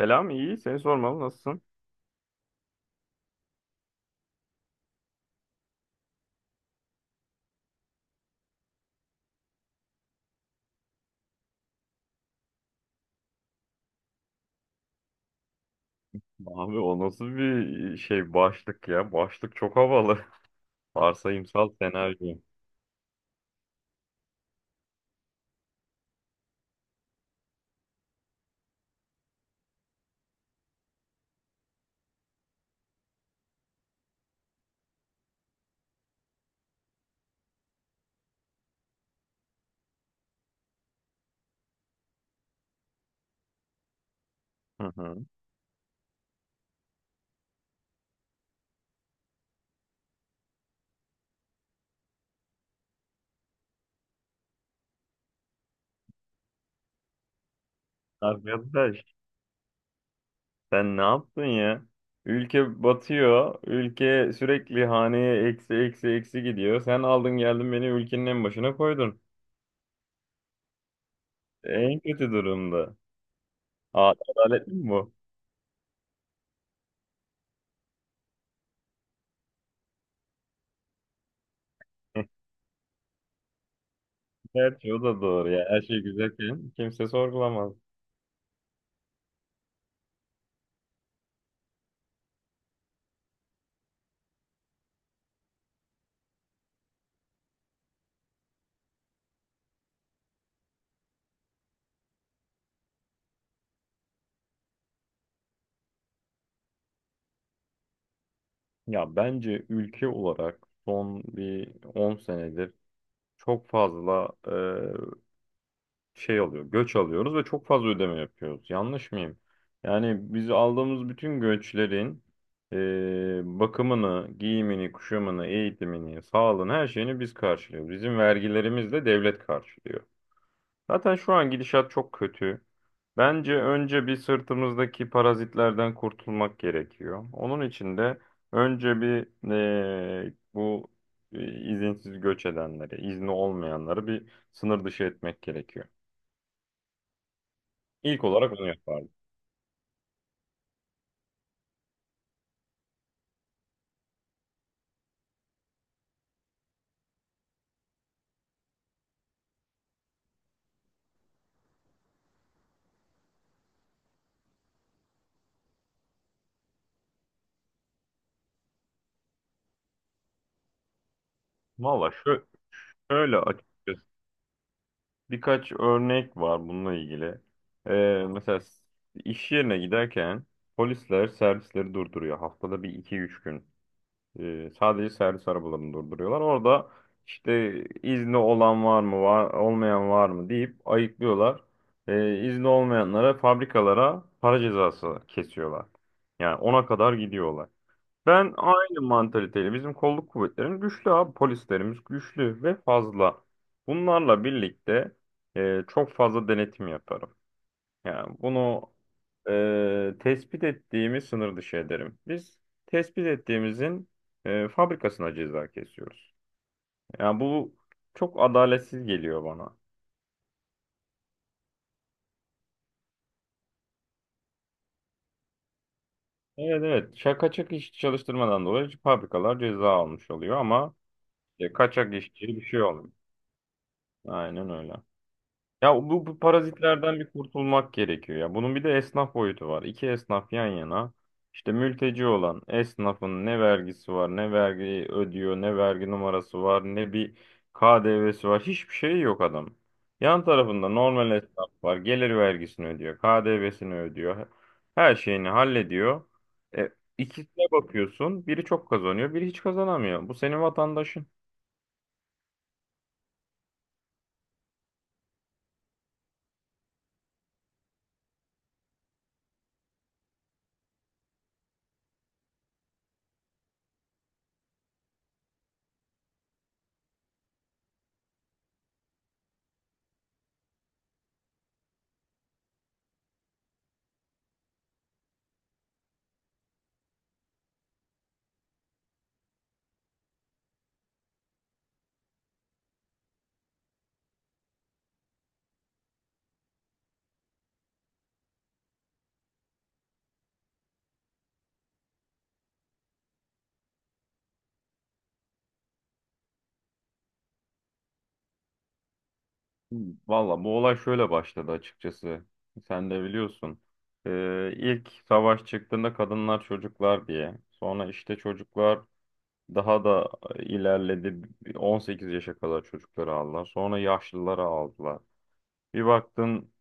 Selam iyi. Seni sormalı. Nasılsın? Abi o nasıl bir şey başlık ya? Başlık çok havalı. Varsayımsal senaryo. Hı hı. Arkadaş sen ne yaptın ya? Ülke batıyor. Ülke sürekli haneye eksi eksi eksi gidiyor. Sen aldın geldin beni ülkenin en başına koydun. En kötü durumda. Aa, Adalet mi bu? Gerçi o da doğru ya. Her şey güzelken kimse sorgulamaz. Ya bence ülke olarak son bir 10 senedir çok fazla şey alıyor, göç alıyoruz ve çok fazla ödeme yapıyoruz. Yanlış mıyım? Yani biz aldığımız bütün göçlerin bakımını, giyimini, kuşamını, eğitimini, sağlığını, her şeyini biz karşılıyoruz. Bizim vergilerimizle devlet karşılıyor. Zaten şu an gidişat çok kötü. Bence önce bir sırtımızdaki parazitlerden kurtulmak gerekiyor. Onun için de önce bir bu izinsiz göç edenleri, izni olmayanları bir sınır dışı etmek gerekiyor. İlk olarak onu yapardım. Valla şöyle açıkçası birkaç örnek var bununla ilgili. Mesela iş yerine giderken polisler servisleri durduruyor. Haftada bir iki üç gün. Sadece servis arabalarını durduruyorlar. Orada işte izni olan var mı, var, olmayan var mı deyip ayıklıyorlar. İzni olmayanlara fabrikalara para cezası kesiyorlar. Yani ona kadar gidiyorlar. Ben aynı mantaliteyle bizim kolluk kuvvetlerimiz güçlü abi. Polislerimiz güçlü ve fazla. Bunlarla birlikte çok fazla denetim yaparım. Yani bunu tespit ettiğimiz sınır dışı ederim. Biz tespit ettiğimizin fabrikasına ceza kesiyoruz. Yani bu çok adaletsiz geliyor bana. Evet, evet, kaçak işçi çalıştırmadan dolayı fabrikalar ceza almış oluyor ama kaçak işçi bir şey olmuyor. Aynen öyle. Ya bu parazitlerden bir kurtulmak gerekiyor ya. Bunun bir de esnaf boyutu var. İki esnaf yan yana. İşte mülteci olan esnafın ne vergisi var, ne vergi ödüyor, ne vergi numarası var, ne bir KDV'si var. Hiçbir şey yok adam. Yan tarafında normal esnaf var. Gelir vergisini ödüyor, KDV'sini ödüyor. Her şeyini hallediyor. E, ikisine bakıyorsun. Biri çok kazanıyor, biri hiç kazanamıyor. Bu senin vatandaşın. Valla bu olay şöyle başladı açıkçası. Sen de biliyorsun. İlk savaş çıktığında kadınlar çocuklar diye. Sonra işte çocuklar daha da ilerledi. 18 yaşa kadar çocukları aldılar. Sonra yaşlıları aldılar. Bir baktın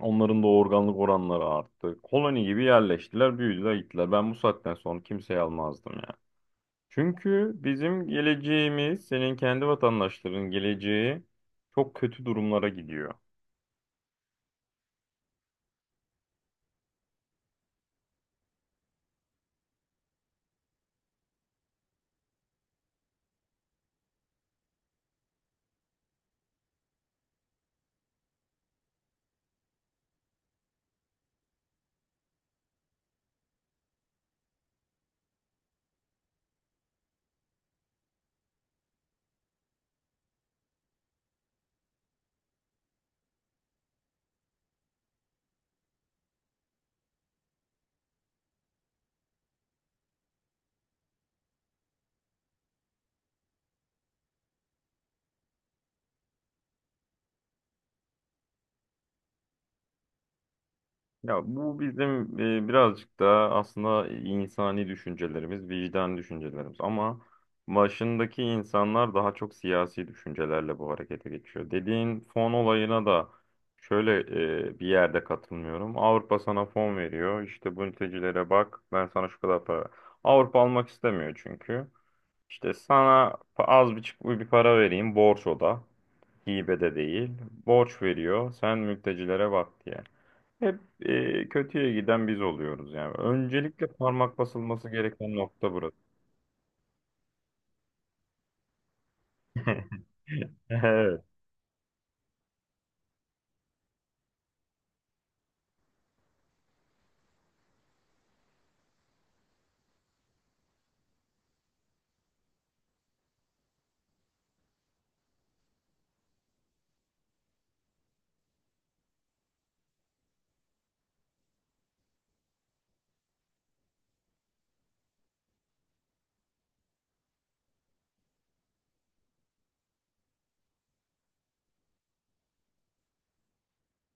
onların da organlık oranları arttı. Koloni gibi yerleştiler, büyüdüler, gittiler. Ben bu saatten sonra kimseyi almazdım ya. Çünkü bizim geleceğimiz, senin kendi vatandaşların geleceği çok kötü durumlara gidiyor. Ya bu bizim birazcık da aslında insani düşüncelerimiz, vicdan düşüncelerimiz ama başındaki insanlar daha çok siyasi düşüncelerle bu harekete geçiyor. Dediğin fon olayına da şöyle bir yerde katılmıyorum. Avrupa sana fon veriyor. İşte bu mültecilere bak, ben sana şu kadar para. Avrupa almak istemiyor çünkü. İşte sana az bir para vereyim, borç o da. Hibe de değil. Borç veriyor. Sen mültecilere bak diye. Hep kötüye giden biz oluyoruz yani. Öncelikle parmak basılması gereken nokta burası. Evet.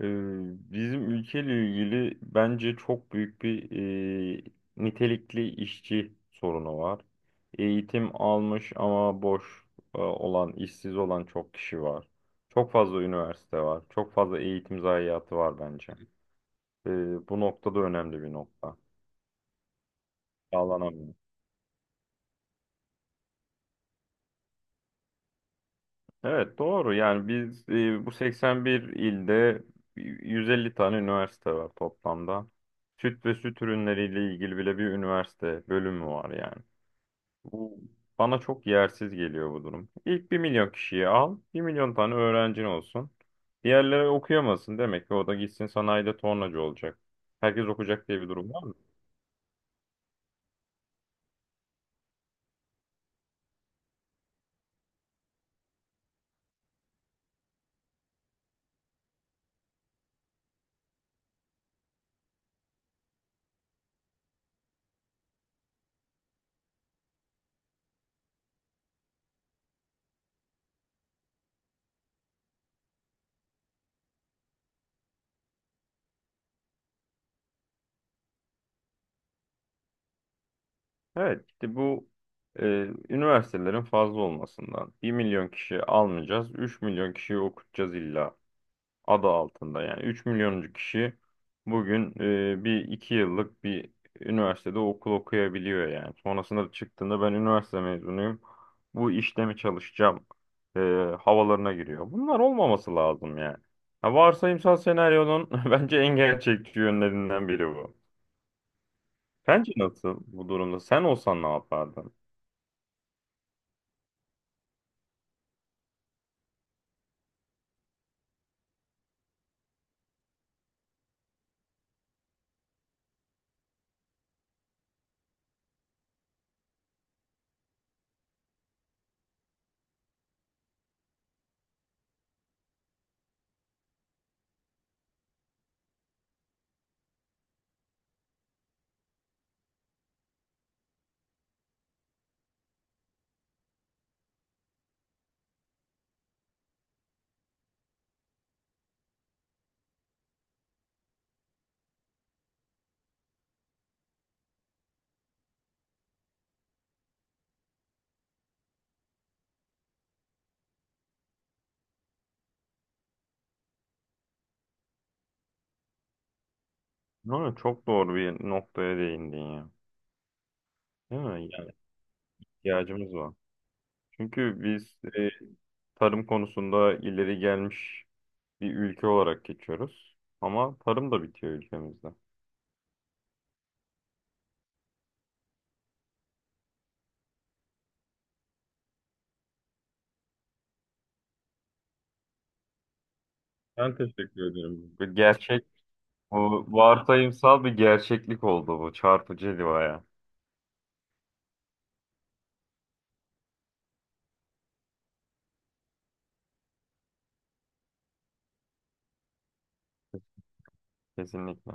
E, bizim ülkeyle ilgili bence çok büyük bir e, nitelikli işçi sorunu var. Eğitim almış ama boş olan, işsiz olan çok kişi var. Çok fazla üniversite var. Çok fazla eğitim zayiatı var bence. E, bu noktada önemli bir nokta. Sağlanamıyor. Evet, doğru yani biz bu 81 ilde 150 tane üniversite var toplamda. Süt ve süt ürünleriyle ilgili bile bir üniversite bölümü var yani. Bu bana çok yersiz geliyor bu durum. İlk 1 milyon kişiyi al, 1 milyon tane öğrencin olsun. Diğerleri okuyamasın demek ki o da gitsin sanayide tornacı olacak. Herkes okuyacak diye bir durum var mı? Evet işte bu e, üniversitelerin fazla olmasından 1 milyon kişi almayacağız, 3 milyon kişiyi okutacağız illa adı altında. Yani 3 milyoncu kişi bugün bir 2 yıllık bir üniversitede okul okuyabiliyor yani. Sonrasında çıktığında ben üniversite mezunuyum. Bu işte mi çalışacağım e, havalarına giriyor. Bunlar olmaması lazım yani. Ha, varsayımsal senaryonun bence en gerçekçi yönlerinden biri bu. Sence nasıl bu durumda? Sen olsan ne yapardın? Ama çok doğru bir noktaya değindin ya. Değil mi? Yani ihtiyacımız var. Çünkü biz tarım konusunda ileri gelmiş bir ülke olarak geçiyoruz. Ama tarım da bitiyor ülkemizde. Ben teşekkür ederim. Bu gerçek, bu varsayımsal bir gerçeklik oldu bu çarpıcı bir. Kesinlikle.